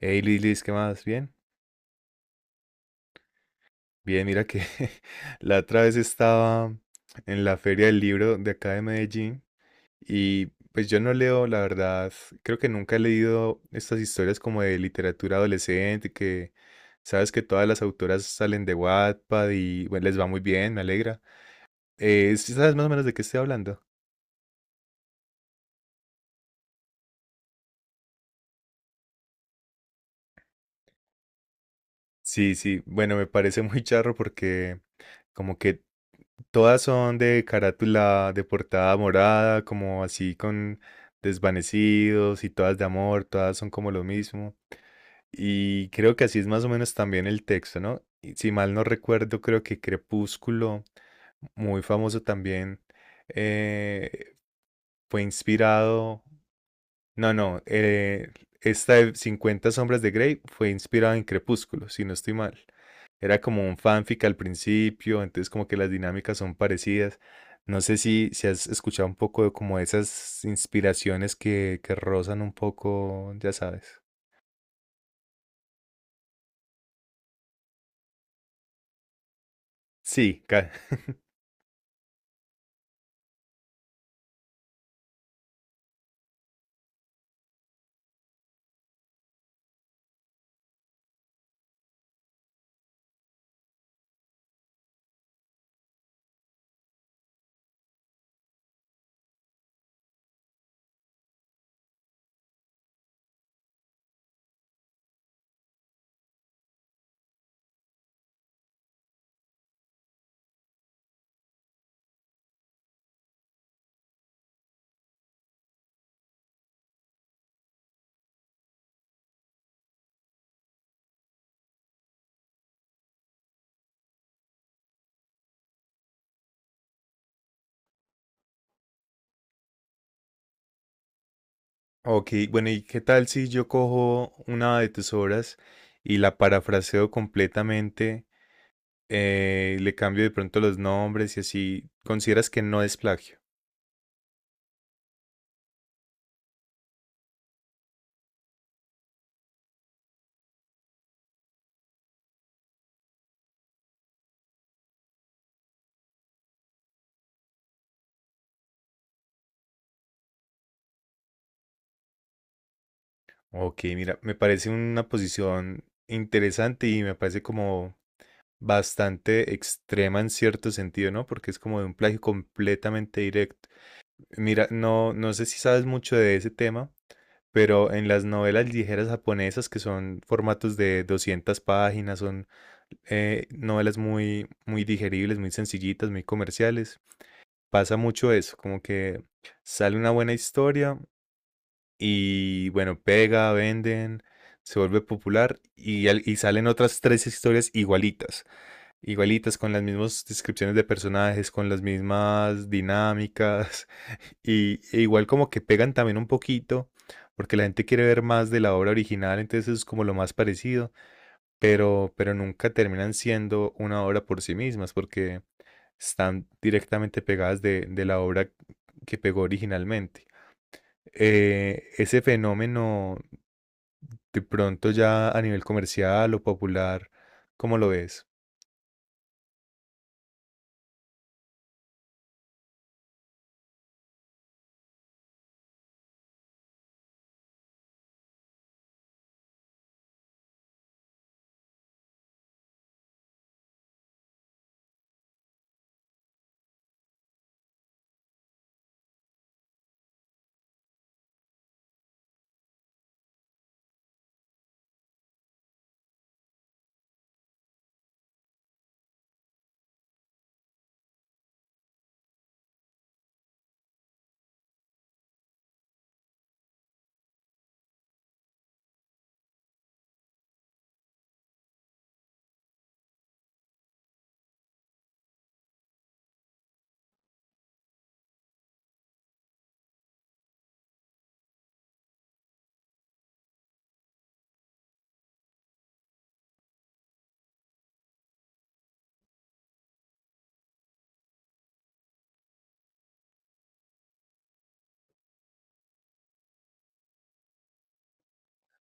Hey Lilis, ¿qué más? ¿Bien? Bien, mira que la otra vez estaba en la feria del libro de acá de Medellín y pues yo no leo, la verdad, creo que nunca he leído estas historias como de literatura adolescente, que sabes que todas las autoras salen de Wattpad y bueno, les va muy bien, me alegra. ¿Sí ¿sabes más o menos de qué estoy hablando? Sí, sí, bueno, me parece muy charro porque como que todas son de carátula de portada morada, como así con desvanecidos y todas de amor, todas son como lo mismo. Y creo que así es más o menos también el texto, ¿no? Y si mal no recuerdo, creo que Crepúsculo, muy famoso también, eh, fue inspirado, no, no, esta de 50 sombras de Grey fue inspirada en Crepúsculo, si no estoy mal. Era como un fanfic al principio, entonces como que las dinámicas son parecidas. No sé si has escuchado un poco de como esas inspiraciones que rozan un poco, ya sabes. Sí, ok, bueno, ¿y qué tal si yo cojo una de tus obras y la parafraseo completamente, le cambio de pronto los nombres y así consideras que no es plagio? Ok, mira, me parece una posición interesante y me parece como bastante extrema en cierto sentido, ¿no? Porque es como de un plagio completamente directo. Mira, no, no sé si sabes mucho de ese tema, pero en las novelas ligeras japonesas, que son formatos de 200 páginas, son novelas muy, muy digeribles, muy sencillitas, muy comerciales, pasa mucho eso, como que sale una buena historia y bueno, pega, venden. Se vuelve popular y y salen otras tres historias igualitas igualitas, con las mismas descripciones de personajes, con las mismas dinámicas, y e igual como que pegan también un poquito, porque la gente quiere ver más de la obra original, entonces es como lo más parecido, pero nunca terminan siendo una obra por sí mismas, porque están directamente pegadas de la obra que pegó originalmente. Ese fenómeno de pronto ya a nivel comercial o popular, ¿cómo lo ves?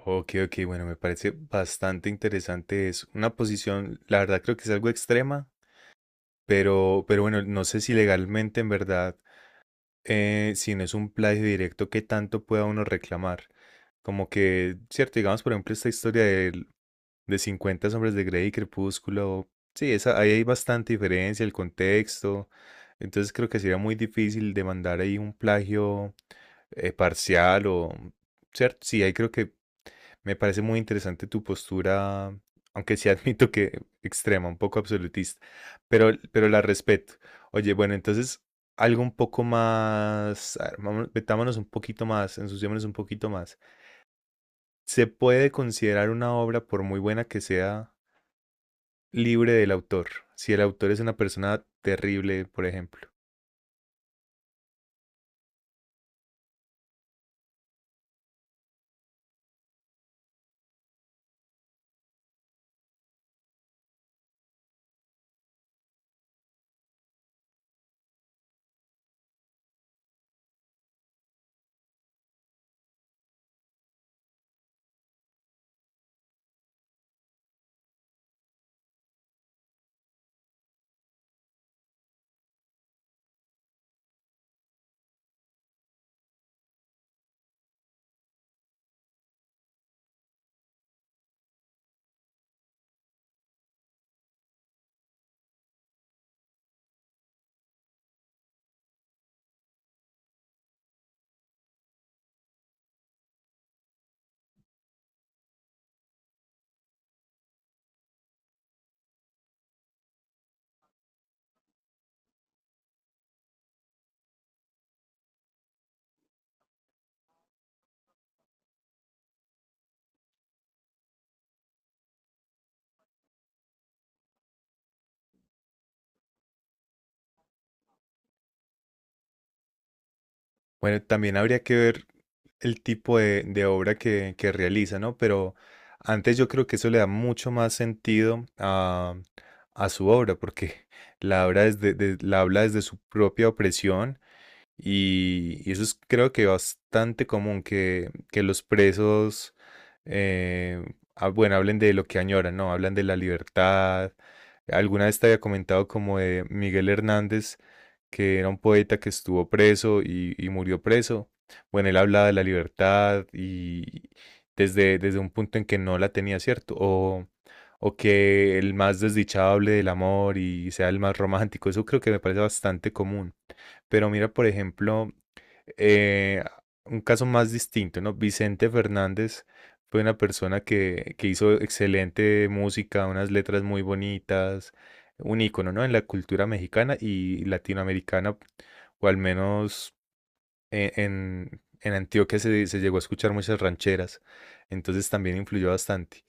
Ok, ok, bueno, me parece bastante interesante. Es una posición, la verdad creo que es algo extrema, pero bueno, no sé si legalmente en verdad, si no es un plagio directo, qué tanto pueda uno reclamar. Como que, cierto, digamos, por ejemplo, esta historia de, 50 hombres de Grey y Crepúsculo, sí, esa, ahí hay bastante diferencia, el contexto. Entonces creo que sería muy difícil demandar ahí un plagio parcial o, cierto, sí, ahí creo que me parece muy interesante tu postura, aunque sí admito que extrema, un poco absolutista, pero la respeto. Oye, bueno, entonces algo un poco más, a ver, metámonos un poquito más, ensuciémonos un poquito más. ¿Se puede considerar una obra, por muy buena que sea, libre del autor? Si el autor es una persona terrible, por ejemplo. Bueno, también habría que ver el tipo de obra que realiza, ¿no? Pero antes yo creo que eso le da mucho más sentido a su obra, porque la obra la habla desde su propia opresión y eso es creo que bastante común que los presos, eh, bueno, hablen de lo que añoran, ¿no? Hablan de la libertad. Alguna vez te había comentado como de Miguel Hernández, que era un poeta que estuvo preso y murió preso. Bueno, él hablaba de la libertad y desde un punto en que no la tenía, ¿cierto? O que el más desdichado hable del amor y sea el más romántico. Eso creo que me parece bastante común. Pero mira, por ejemplo, eh, un caso más distinto, ¿no? Vicente Fernández fue una persona que hizo excelente música, unas letras muy bonitas, un ícono, ¿no? En la cultura mexicana y latinoamericana, o al menos en Antioquia se, se llegó a escuchar muchas rancheras, entonces también influyó bastante.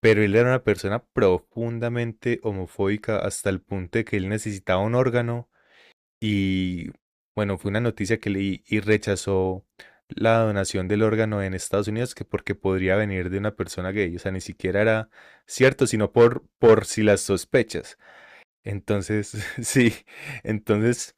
Pero él era una persona profundamente homofóbica hasta el punto de que él necesitaba un órgano y bueno, fue una noticia que leí y rechazó la donación del órgano en Estados Unidos que porque podría venir de una persona gay. O sea, ni siquiera era cierto, sino por si las sospechas. Entonces, sí, entonces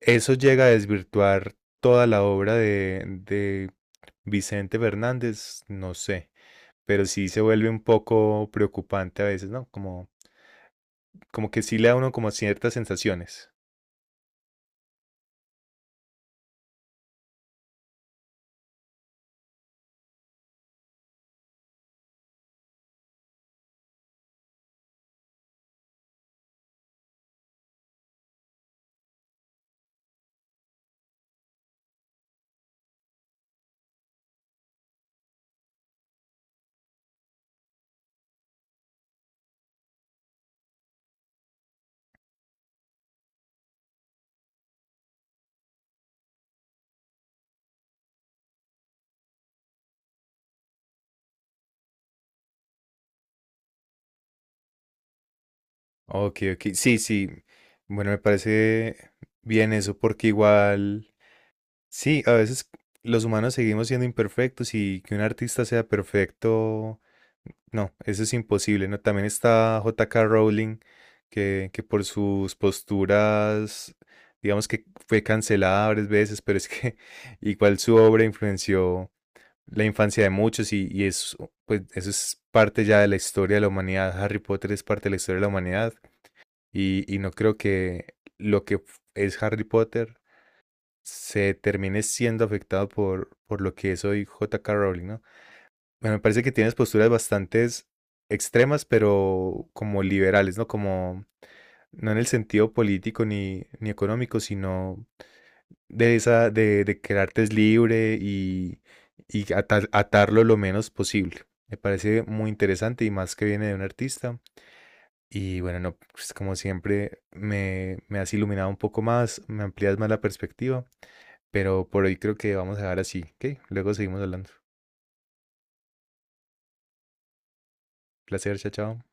eso llega a desvirtuar toda la obra de Vicente Fernández, no sé, pero sí se vuelve un poco preocupante a veces, ¿no? Como, como que sí le da a uno como ciertas sensaciones. Ok, ok. Sí, sí. Bueno, me parece bien eso porque igual, sí, a veces los humanos seguimos siendo imperfectos y que un artista sea perfecto, no, eso es imposible, ¿no? También está J.K. Rowling, que por sus posturas, digamos que fue cancelada varias veces, pero es que igual su obra influenció la infancia de muchos y eso, pues, eso es parte ya de la historia de la humanidad. Harry Potter es parte de la historia de la humanidad. Y no creo que lo que es Harry Potter se termine siendo afectado por lo que es hoy J.K. Rowling, ¿no? Bueno, me parece que tienes posturas bastante extremas, pero como liberales, ¿no? Como no en el sentido político ni, ni económico, sino de esa, de que el arte es libre y atarlo lo menos posible. Me parece muy interesante y más que viene de un artista y bueno, no, pues como siempre, me has iluminado un poco más, me amplías más la perspectiva, pero por hoy creo que vamos a dejar así, ¿ok? Luego seguimos hablando. Placer, chao, chao.